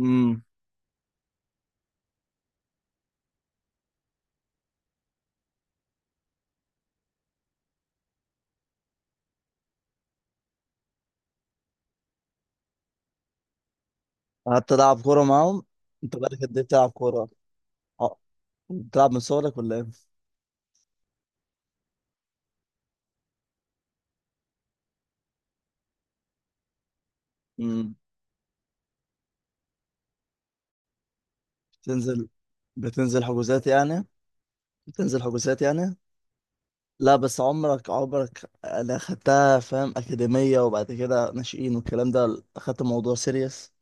امم قعدت العب كوره معاهم. انت بقالك قد ايه بتلعب كوره؟ اه، بتلعب من صغرك ولا ايه؟ امم. بتنزل، بتنزل حجوزات يعني بتنزل حجوزات يعني؟ لا، بس عمرك انا خدتها فاهم، اكاديميه وبعد كده ناشئين والكلام ده، اخدت الموضوع سيريس.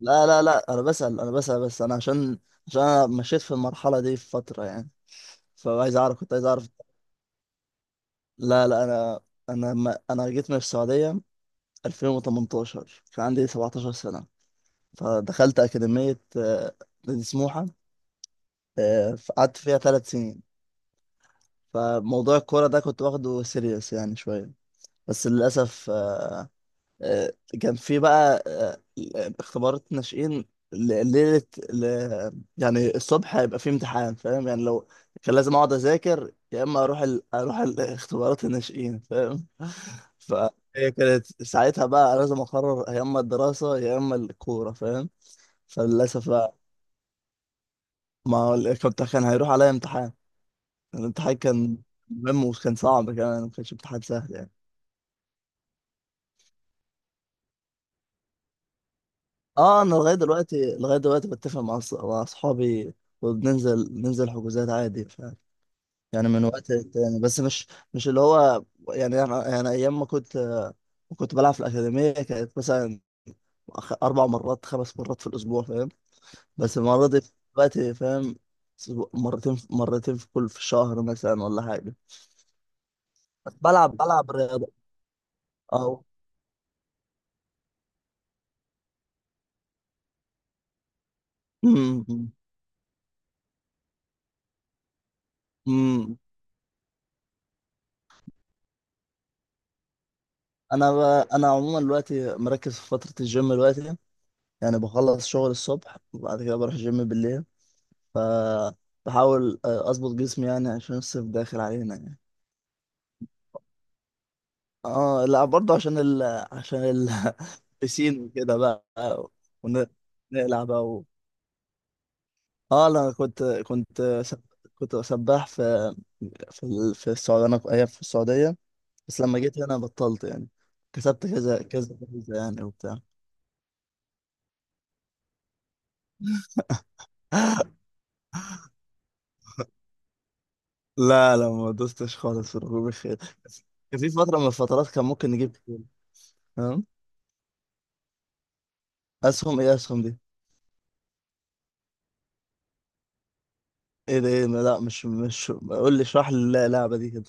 لا لا لا، انا بسأل بس، انا عشان، عشان انا مشيت في المرحله دي في فتره يعني، فعايز اعرف، كنت عايز اعرف. لا لا انا، انا ما انا جيت من السعوديه 2018، كان عندي 17 سنه. فدخلت أكاديمية نادي سموحة. قعدت فيها ثلاث سنين. فموضوع الكورة ده كنت واخده سيريس يعني شوية، بس للأسف آه، كان في بقى اختبارات ناشئين. ل- ليلة ل- يعني الصبح هيبقى في امتحان فاهم، يعني لو كان لازم أقعد أذاكر يا إما أروح أروح الاختبارات الناشئين فاهم. فهي كانت ساعتها بقى لازم أقرر يا إما الدراسة يا إما الكورة فاهم. فللأسف، ما هو ال- كنت كان هيروح عليا امتحان. الامتحان كان مهم وكان صعب كمان، ما كانش امتحان سهل يعني. اه انا لغايه دلوقتي بتفق مع مع اصحابي، ننزل حجوزات عادي. ف يعني من وقت للتاني، بس مش، مش اللي هو يعني انا يعني ايام ما كنت بلعب في الاكاديميه، كانت مثلا اربع مرات خمس مرات في الاسبوع فاهم. بس المره دي دلوقتي فاهم، مرتين، مرتين في كل، في الشهر مثلا ولا حاجه. بلعب رياضه. اه. امم. انا ب... انا عموما دلوقتي مركز في فتره الجيم دلوقتي. يعني بخلص شغل الصبح وبعد كده بروح الجيم بالليل. ف بحاول اظبط جسمي يعني عشان الصيف داخل علينا يعني. اه لا برضه عشان ال... بسين وكده بقى، ونقلع بقى و... اه انا كنت سباح في في السعوديه، انا أيام في السعوديه. بس لما جيت هنا بطلت يعني، كسبت كذا كذا كذا يعني وبتاع. لا لا، ما دوستش خالص في ركوب الخيل، بس كان في فترة من الفترات كان ممكن نجيب خيل. تمام. أسهم إيه، أسهم دي؟ إيه ده إيه، لا، مش قول لي، اشرح لي اللعبة دي كده.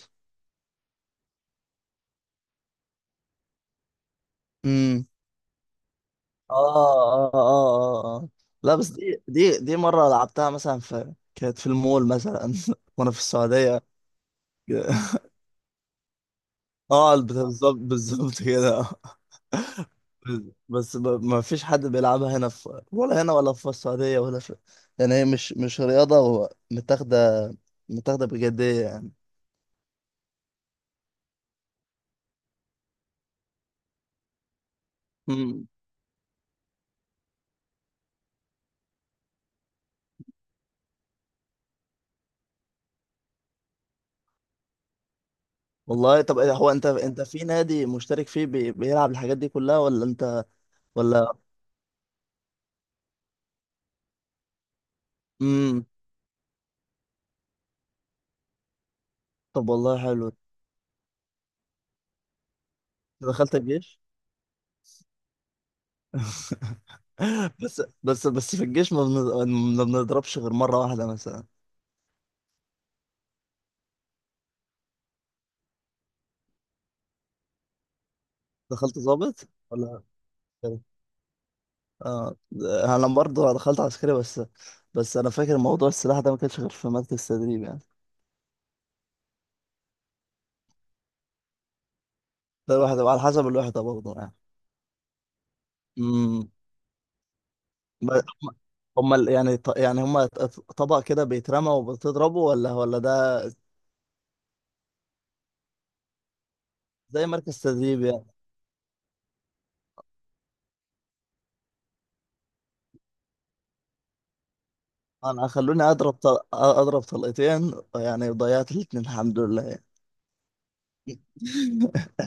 امم. آه آه آه آه آه. لا، بس دي مرة لعبتها مثلا، في كانت في المول مثلا، وأنا في السعودية. آه بالظبط بالظبط كده. بس، ما فيش حد بيلعبها، هنا في ولا هنا، ولا في السعودية ولا في، يعني هي مش رياضة متاخدة بجدية يعني. مم. والله طب إيه هو، انت في نادي مشترك فيه بيلعب الحاجات دي كلها ولا انت؟ ولا. امم. طب والله حلو. أنت دخلت الجيش؟ بس في الجيش ما بنضربش غير مرة واحدة مثلا. دخلت ضابط ولا؟ اه، انا برضه دخلت عسكري. بس، بس انا فاكر موضوع السلاح ده ما كانش غير في مركز تدريب يعني. ده الواحد على حسب الوحده برضه يعني. امم. ما- هم يعني يعني هم طبق كده بيترمى وبتضربه ولا، ولا ده زي مركز تدريب يعني؟ انا خلوني اضرب اضرب طلقتين يعني، ضيعت الاتنين الحمد لله يعني.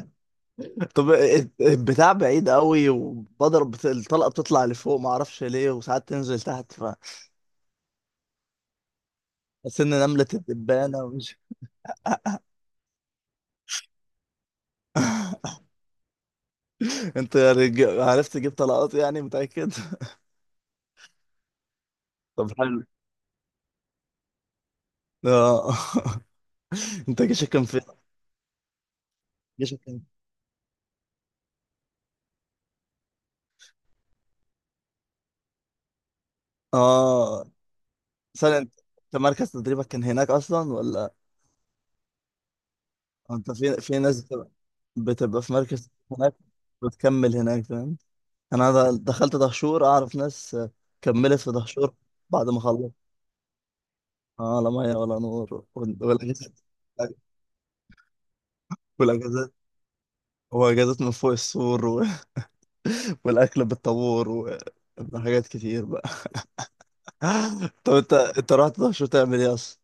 طب إيه، البتاع بعيد قوي، وبضرب الطلقه بتطلع لفوق ما اعرفش ليه، وساعات تنزل تحت، فحسيت ان نمله الدبانه ومش... انت يعني، عرفت تجيب طلقات يعني، متأكد؟ طب حلو. اه. انت جيشك كان في، جيشك كان، اه ثانية انت، أنت مركز تدريبك كان هناك اصلا ولا انت في، في ناس بتبقى، بتبقى في مركز تدريب هناك بتكمل هناك فاهم؟ انا دخلت دهشور، اعرف ناس، كملت في دهشور. بعد ما خلصت، اه لا ميه ولا نور والاجازات، والاجازات، واجازات من فوق السور و... والاكل بالطابور، وحاجات كتير بقى. طب انت، انت رحت دهشور تعمل ايه اصلا؟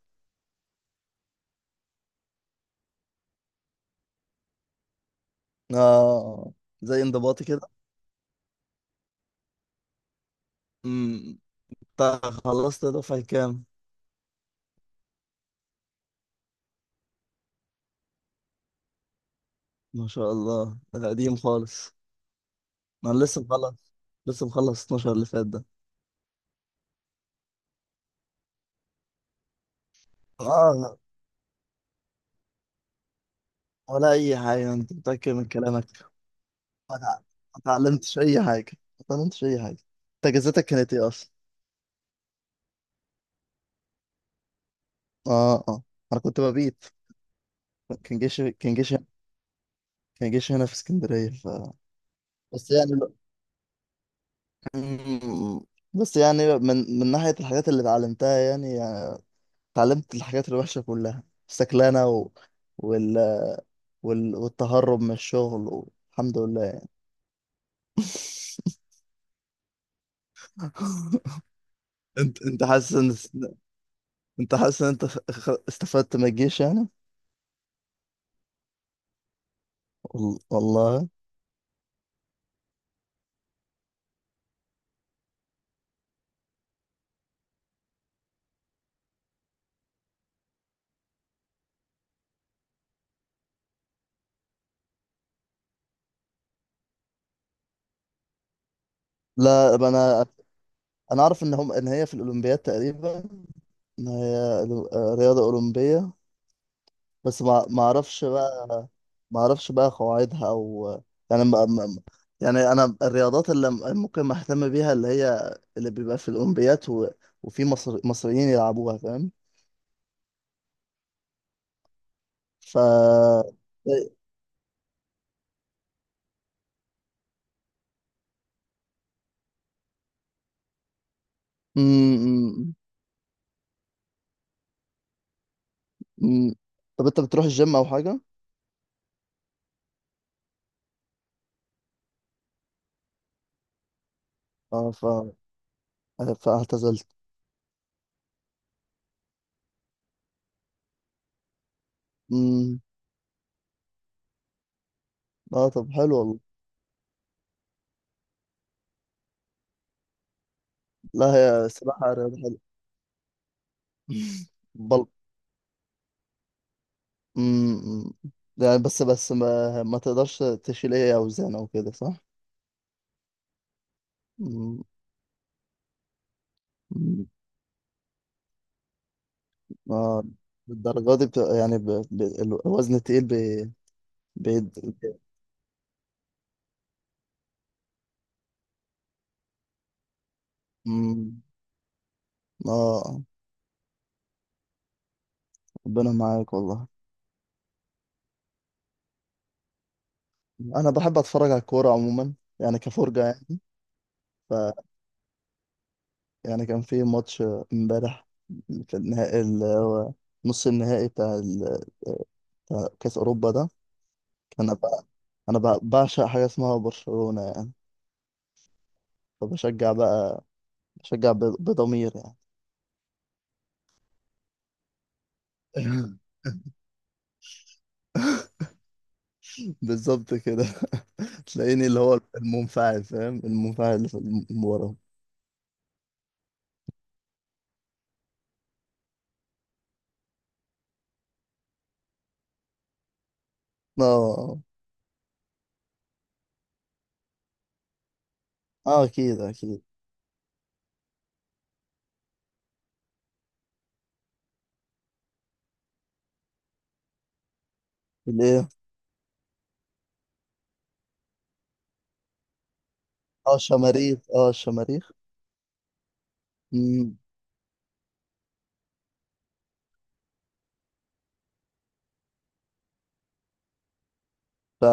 اه، زي انضباطي كده. امم. انت خلصت دفعة كام؟ ما شاء الله، ده قديم خالص. ما انا لسه مخلص، لسه مخلص 12 اللي فات ده. اه. ولا اي حاجه، انت متاكد من كلامك؟ ما اتعلمتش اي حاجه، ما اتعلمتش اي حاجه. انت اجازتك كانت ايه اصلا؟ اه اه. انا كنت ببيت، كان جيش كان جيش كان جيش هنا في اسكندريه. ف بس يعني، مم، بس يعني من ناحية الحاجات اللي اتعلمتها يعني، يعني اتعلمت الحاجات الوحشة كلها، السكلانة و... وال... والتهرب من الشغل و... الحمد لله يعني. انت انت حاسس ان انت حاسس ان انت استفدت من الجيش يعني؟ والله لا، انا، انا اعرف ان هم، ان هي في الاولمبياد تقريبا، ان هي رياضة اولمبية، بس ما اعرفش بقى، ما اعرفش بقى قواعدها او، يعني يعني انا الرياضات اللي ممكن ما اهتم بيها اللي هي، اللي بيبقى في الاولمبيات و... وفي مصريين يلعبوها فاهم. ف إيه، م- م- م- طب انت بتروح الجيم او حاجه؟ اه. ف فاعتزلت. امم. اه طب حلو والله. لا هي السباحه رياضه حلوه. بل. امم. يعني بس، بس ما تقدرش تشيل ايه اوزان او كده صح؟ مم. اه بالدرجة دي بتبقى يعني، ب... ب... الوزن التقيل بي... بيد... مم. اه. ربنا معاك والله. انا بحب اتفرج على الكورة عموما، يعني كفرجة يعني. ف... يعني كان في ماتش امبارح، في النهائي نص النهائي بتاع كأس اوروبا ده. كان بقى، انا بقى بعشق حاجة اسمها برشلونة يعني. فبشجع بقى، بشجع ب... بضمير يعني. بالظبط كده. تلاقيني اللي هو المنفعل فاهم، المنفعل اللي في ورا. اه اه. اكيد اكيد. الايه؟ اه الشماريخ، اه الشماريخ.